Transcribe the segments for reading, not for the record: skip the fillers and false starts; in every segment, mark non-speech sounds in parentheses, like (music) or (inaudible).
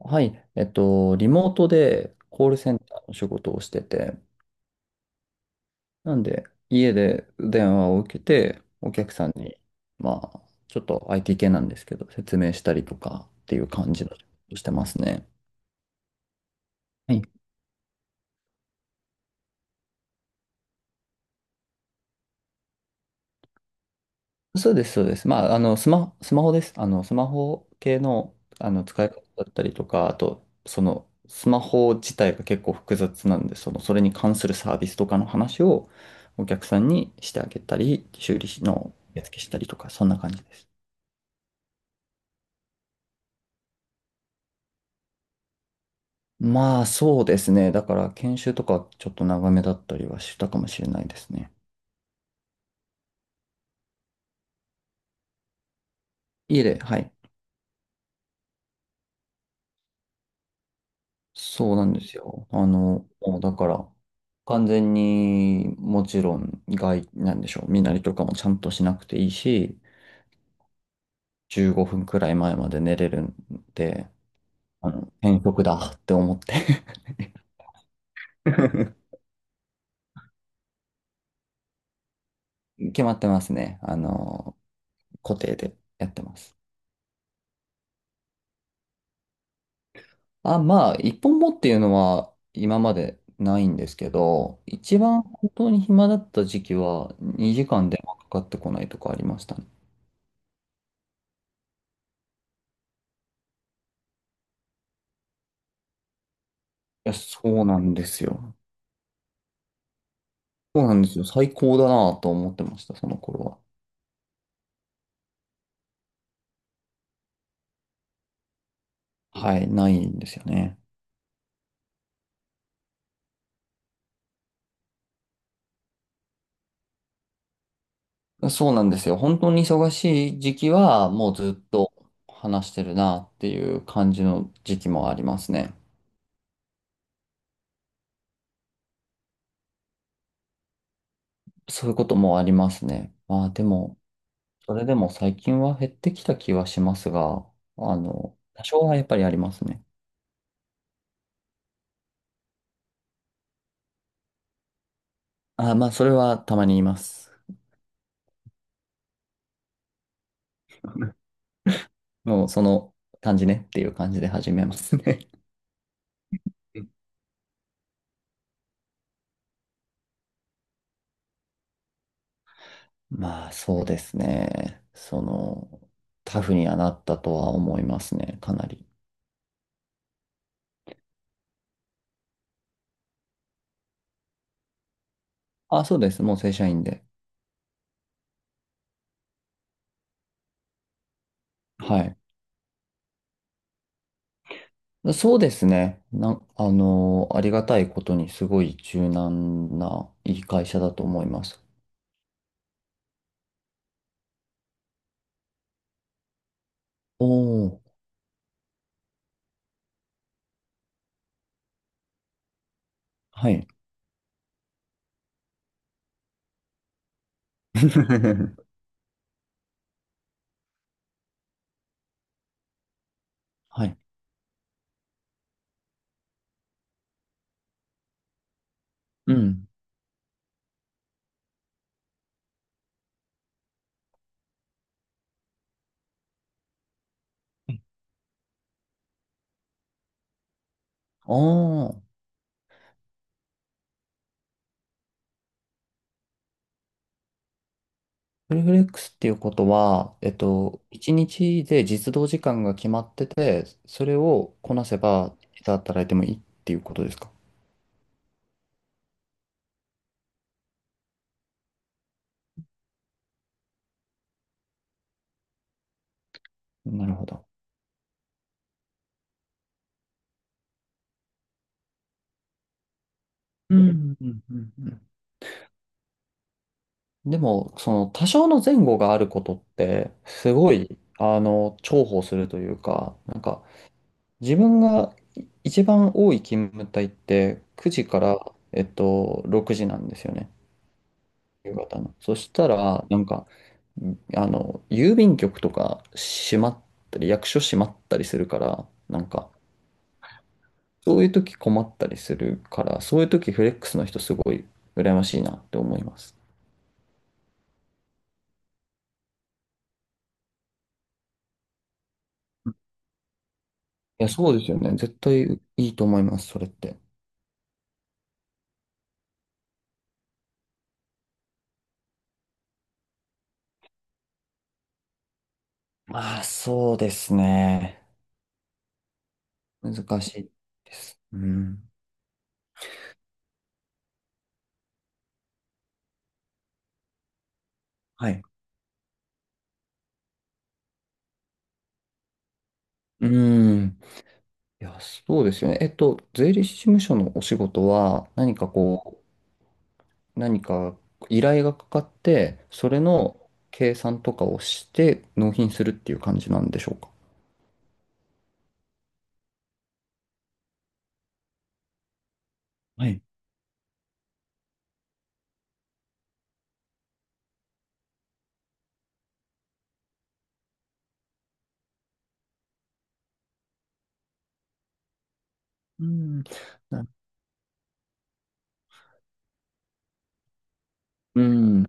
はい、リモートでコールセンターの仕事をしてて、なんで家で電話を受けて、お客さんに、まあ、ちょっと IT 系なんですけど、説明したりとかっていう感じの仕事をしてますね。はい、そうです、そうです。まあ、あの、スマホです。あの、スマホ系の、あの、使い方だったりとか、あと、その、スマホ自体が結構複雑なんで、その、それに関するサービスとかの話をお客さんにしてあげたり、修理のやつけしたりとか、そんな感じです。まあ、そうですね。だから、研修とかちょっと長めだったりはしたかもしれないですね。いいえ、はい。そうなんですよ。あの、もうだから、完全にもちろん外、なんでしょう、身なりとかもちゃんとしなくていいし、15分くらい前まで寝れるんで、あの、変則だって思って。 (laughs) 決まってますね。あの、固定でやってます。あ、まあ、一本もっていうのは今までないんですけど、一番本当に暇だった時期は2時間電話かかってこないとかありましたね。いや、そうなんですよ。そうなんですよ。最高だなと思ってました、その頃は。はい、ないんですよね。そうなんですよ。本当に忙しい時期は、もうずっと話してるなっていう感じの時期もありますね。そういうこともありますね。まあでも、それでも最近は減ってきた気はしますが、あの、多少はやっぱりありますね。あ、まあそれはたまに言います。もうその感じねっていう感じで始めますね。(laughs) まあそうですね。その、タフにはなったとは思いますね、かなり。あ、そうです。もう正社員で。はい。そうですね。あの、ありがたいことにすごい柔軟ないい会社だと思います。おお、はい。(laughs) はい。うん。ああ、フルフレックスっていうことは、1日で実働時間が決まってて、それをこなせば、いつ働いてもいいっていうことですか？なるほど。うん、うん、うん、うん。でも、その多少の前後があることって、すごい、あの、重宝するというか、なんか、自分がい一番多い勤務帯って、9時から、6時なんですよね、夕方の。そしたら、なんか、あの、郵便局とか閉まったり、役所閉まったりするから、なんか、そういう時困ったりするから、そういう時フレックスの人すごい羨ましいなって思います。いや、そうですよね。絶対いいと思います、それって。まあ、そうですね。難しいです。うん。はい。うん。いや、そうですよね。税理士事務所のお仕事は、何かこう、何か依頼がかかって、それの計算とかをして、納品するっていう感じなんでしょうか？はい。うん。なうん。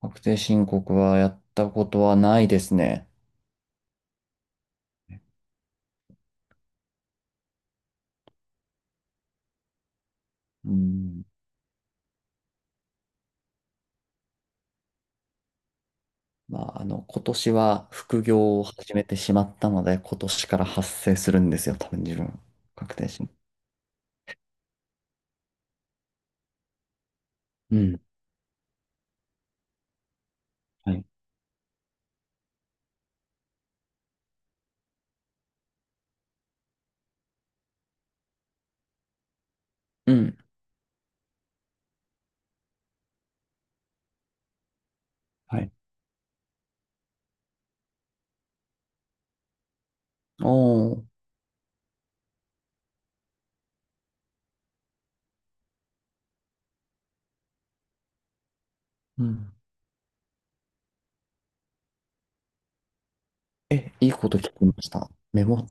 確定申告はやったことはないですね。うん。まあ、あの、今年は副業を始めてしまったので、今年から発生するんですよ、多分自分。確定し。うん。はい。うん。はい。おー。うん。え、いいこと聞きました。メモ。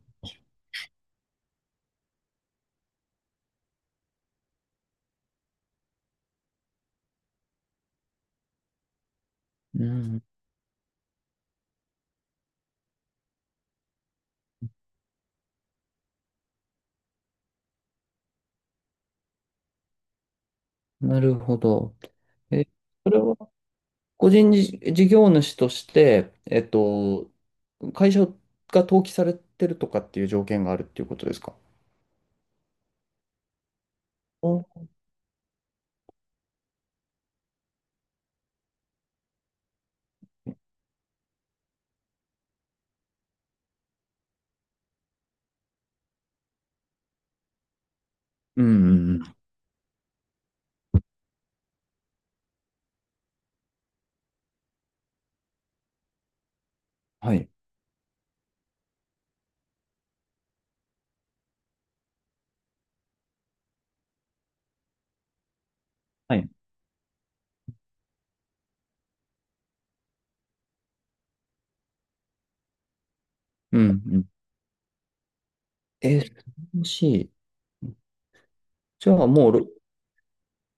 うん。なるほど。え、それは、個人事事業主として、会社が登記されてるとかっていう条件があるっていうことですか？お、うんうんうん。はい。はい。うんうん。えー、楽しい。じゃあもう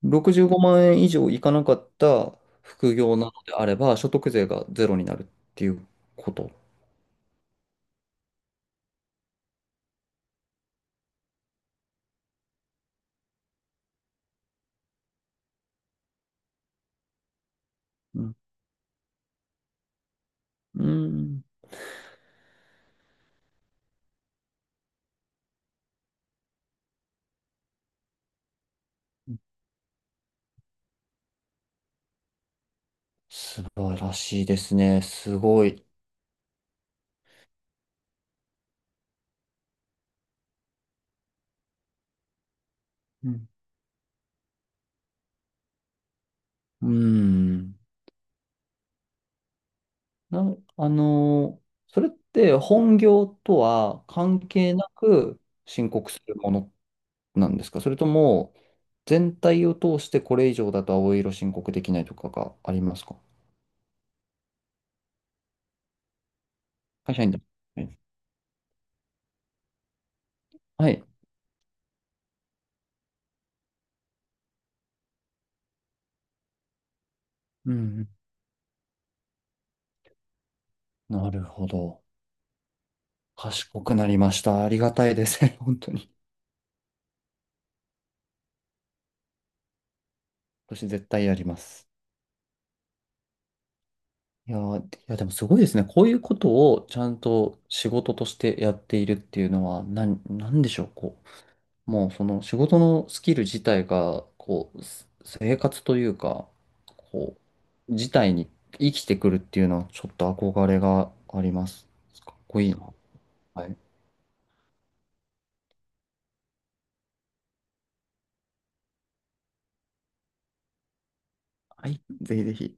65万円以上いかなかった副業なのであれば、所得税がゼロになるっていうこと。うん。うん。素晴らしいですね。すごい。うん。うんな、あのーそれって本業とは関係なく申告するものなんですか？それとも全体を通してこれ以上だと青色申告できないとかがありますか？会社員だ。はい。はい、うんうん。なるほど。賢くなりました。ありがたいですね。(laughs) 本当に。私絶対やります。いやー、いやでもすごいですね。こういうことをちゃんと仕事としてやっているっていうのは、なんでしょう。こう、もうその仕事のスキル自体が、こう、す生活というか、こう、自体に生きてくるっていうのは、ちょっと憧れがあります。かっこいいな。はい。はい、ぜひぜひ。